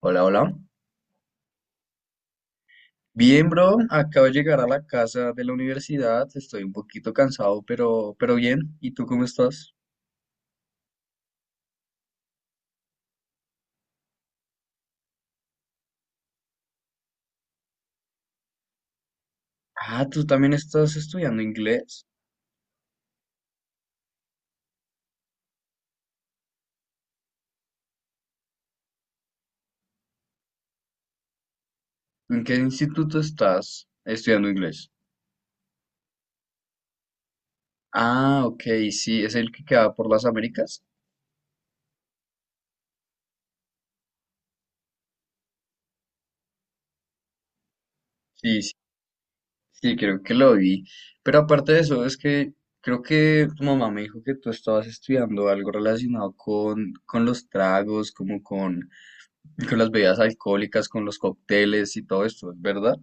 Hola, hola. Bien, bro. Acabo de llegar a la casa de la universidad. Estoy un poquito cansado, pero bien. ¿Y tú cómo estás? Ah, tú también estás estudiando inglés. ¿En qué instituto estás estudiando inglés? Ah, ok, sí, es el que queda por las Américas. Sí, sí, sí, creo que lo vi. Pero aparte de eso, es que creo que tu mamá me dijo que tú estabas estudiando algo relacionado con los tragos, como con las bebidas alcohólicas, con los cócteles y todo esto, ¿es verdad?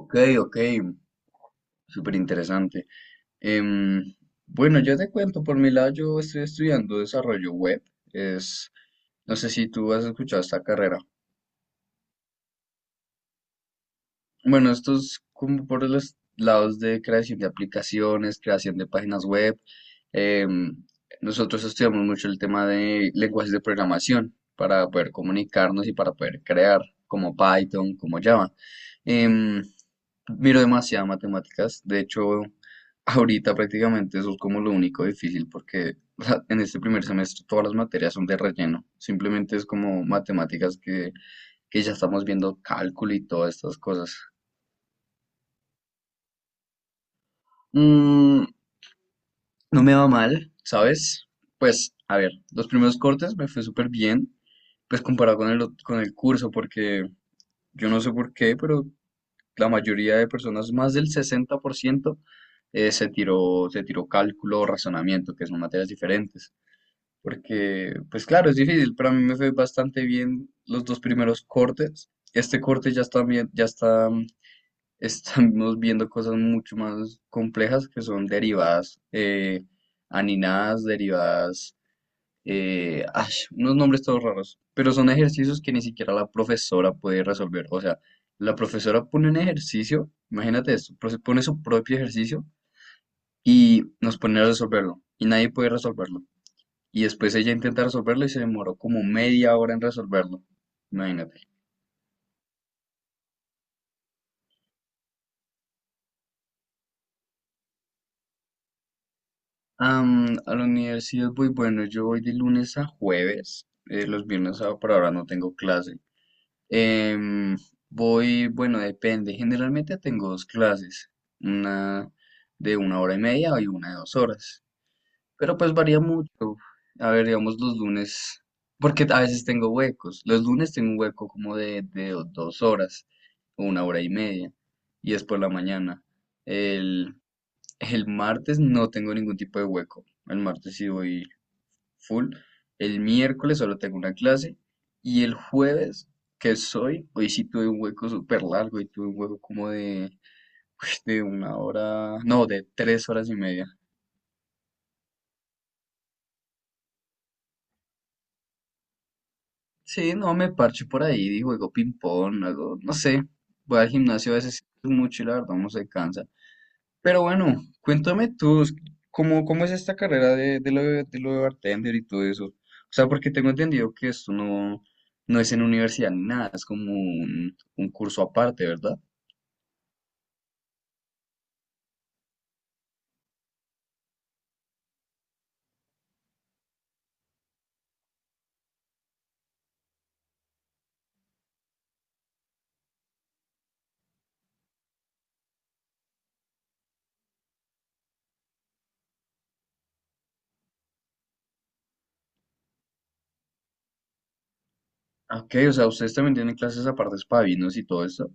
Ok, ok, súper interesante. Em, bueno, yo te cuento, por mi lado yo estoy estudiando desarrollo web. Es, no sé si tú has escuchado esta carrera. Bueno, esto es como por los lados de creación de aplicaciones, creación de páginas web. Em, Nosotros estudiamos mucho el tema de lenguajes de programación para poder comunicarnos y para poder crear, como Python, como Java. Em, Miro demasiadas matemáticas. De hecho, ahorita prácticamente eso es como lo único difícil porque o sea, en este primer semestre todas las materias son de relleno. Simplemente es como matemáticas que ya estamos viendo cálculo y todas estas cosas. Mm, no me va mal, ¿sabes? Pues, a ver, los primeros cortes me fue súper bien, pues comparado con con el curso, porque yo no sé por qué, pero la mayoría de personas, más del 60%, se tiró cálculo o razonamiento, que son materias diferentes. Porque, pues claro, es difícil, pero a mí me fue bastante bien los dos primeros cortes. Este corte ya está bien, ya está estamos viendo cosas mucho más complejas que son derivadas aninadas, derivadas, ay, unos nombres todos raros, pero son ejercicios que ni siquiera la profesora puede resolver. O sea, la profesora pone un ejercicio, imagínate esto, pone su propio ejercicio y nos pone a resolverlo y nadie puede resolverlo. Y después ella intenta resolverlo y se demoró como media hora en resolverlo. Imagínate. A la universidad voy, bueno, yo voy de lunes a jueves, los viernes por ahora no tengo clase. Em, Voy, bueno, depende, generalmente tengo dos clases, una de una hora y media y una de 2 horas, pero pues varía mucho. A ver, digamos los lunes, porque a veces tengo huecos, los lunes tengo un hueco como de 2 horas, o una hora y media, y es por la mañana. El martes no tengo ningún tipo de hueco. El martes sí voy full. El miércoles solo tengo una clase. Y el jueves, hoy sí tuve un hueco súper largo y tuve un hueco como de, uy, de una hora, no, de 3 horas y media. Sí, no, me parcho por ahí, y juego ping-pong, algo, no sé. Voy al gimnasio a veces mucho y la verdad uno se cansa. Pero bueno, cuéntame tú, ¿cómo es esta carrera de lo de bartender y todo eso? O sea, porque tengo entendido que esto no es en universidad ni nada, es como un curso aparte, ¿verdad? Ah, ok, o sea, ustedes también tienen clases aparte para vinos y todo eso.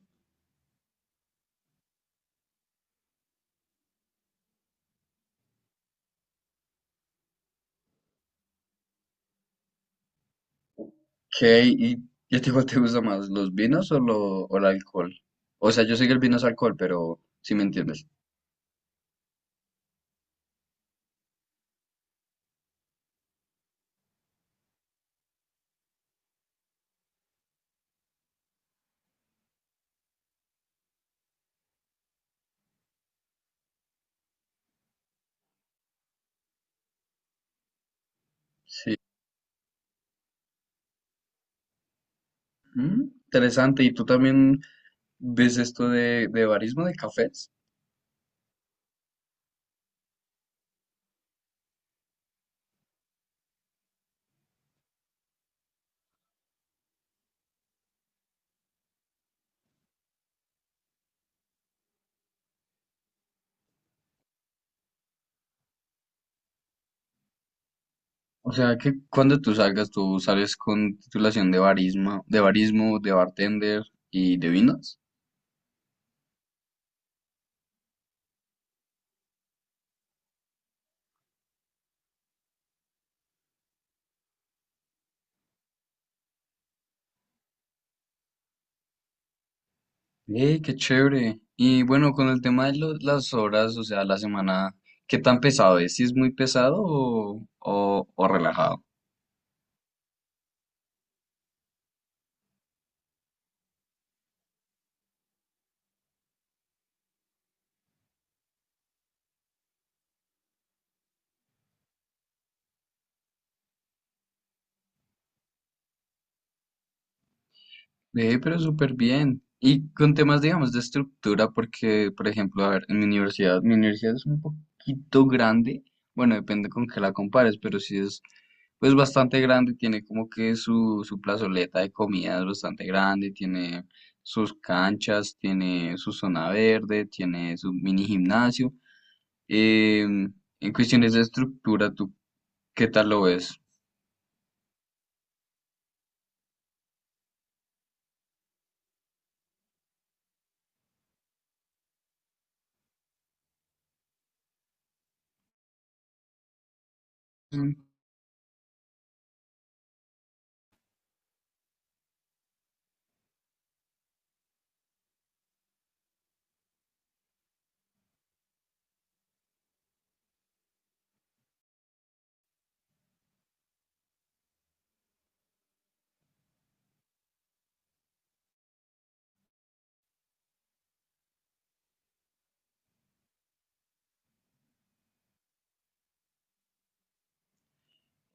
Ok, y ya te digo, ¿te gusta más los vinos o el alcohol? O sea, yo sé que el vino es alcohol, pero si me entiendes. Sí. Interesante, ¿y tú también ves esto de barismo de cafés? O sea que cuando tú salgas, tú sales con titulación de barismo, de bartender y de vinos. Qué chévere! Y bueno, con el tema de las horas, o sea, la semana, ¿qué tan pesado es? ¿Si es muy pesado o relajado? Ve, pero súper bien. Y con temas, digamos, de estructura, porque, por ejemplo, a ver, en mi universidad es un poquito grande, bueno, depende con qué la compares, pero sí es, pues, bastante grande, tiene como que su plazoleta de comidas bastante grande, tiene sus canchas, tiene su zona verde, tiene su mini gimnasio. Em, en cuestiones de estructura, ¿tú qué tal lo ves?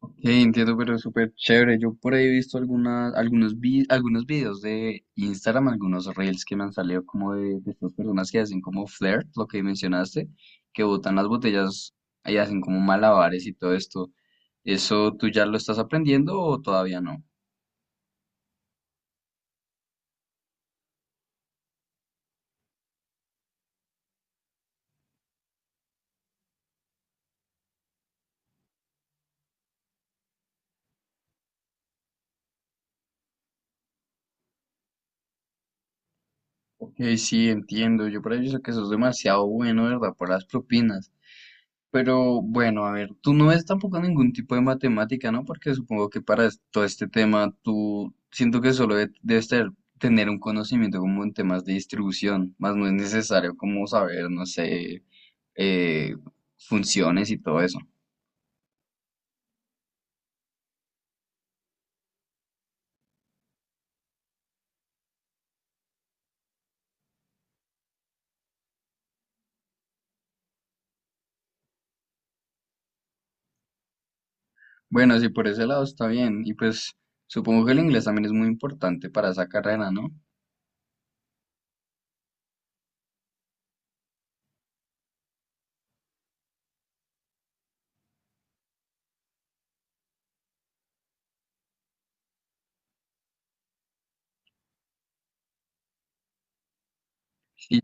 Ok, entiendo, pero es súper chévere. Yo por ahí he visto algunos videos de Instagram, algunos reels que me han salido como de estas personas que hacen como flirt, lo que mencionaste, que botan las botellas y hacen como malabares y todo esto. ¿Eso tú ya lo estás aprendiendo o todavía no? Ok, sí, entiendo. Yo por ahí he visto que eso es demasiado bueno, ¿verdad? Por las propinas. Pero bueno, a ver, tú no ves tampoco ningún tipo de matemática, ¿no? Porque supongo que para todo este tema tú siento que solo debes tener un conocimiento como en temas de distribución, más no es necesario como saber, no sé, eh, funciones y todo eso. Bueno, sí, por ese lado está bien. Y pues supongo que el inglés también es muy importante para esa carrera, ¿no? Sí,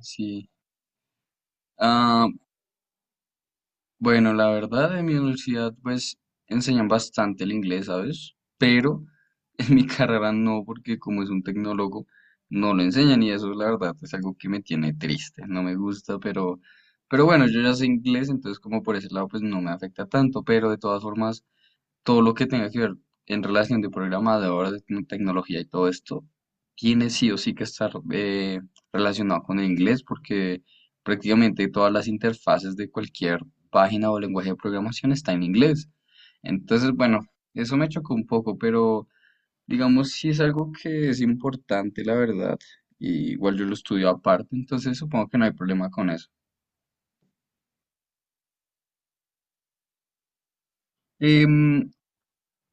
sí. Ah, bueno, la verdad, en mi universidad pues enseñan bastante el inglés, ¿sabes? Pero en mi carrera no, porque como es un tecnólogo, no lo enseñan y eso, la verdad, es algo que me tiene triste, no me gusta, pero bueno, yo ya sé inglés, entonces como por ese lado pues no me afecta tanto, pero de todas formas, todo lo que tenga que ver en relación de programador, de tecnología y todo esto, tiene sí o sí que estar relacionado con el inglés porque prácticamente todas las interfaces de cualquier página o lenguaje de programación está en inglés. Entonces, bueno, eso me chocó un poco, pero digamos sí es algo que es importante, la verdad. Y igual yo lo estudio aparte, entonces supongo que no hay problema con eso. Em,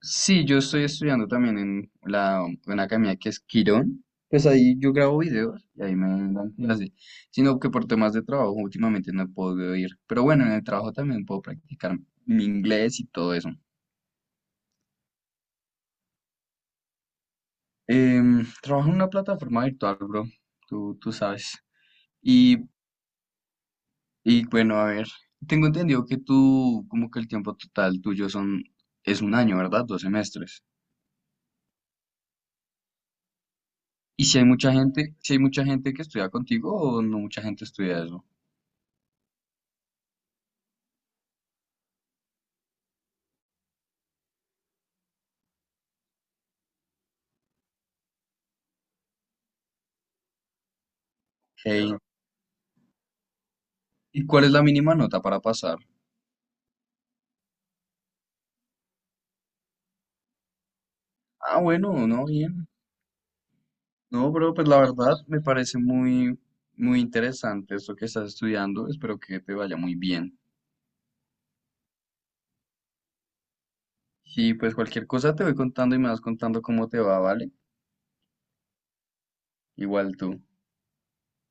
Sí, yo estoy estudiando también en una academia que es Quirón. Pues ahí yo grabo videos y ahí me dan clase. Sino que por temas de trabajo últimamente no he podido ir. Pero bueno, en el trabajo también puedo practicar mi inglés y todo eso. Trabajo en una plataforma virtual, bro. Tú sabes. Y, y bueno, a ver. Tengo entendido que tú, como que el tiempo total tuyo es un año, ¿verdad? Dos semestres. Y si hay mucha gente que estudia contigo o no mucha gente estudia eso. Hey. ¿Y cuál es la mínima nota para pasar? Ah, bueno, no, bien. No, bro, pues la verdad me parece muy, muy interesante esto que estás estudiando. Espero que te vaya muy bien. Y pues cualquier cosa te voy contando y me vas contando cómo te va, ¿vale? Igual tú.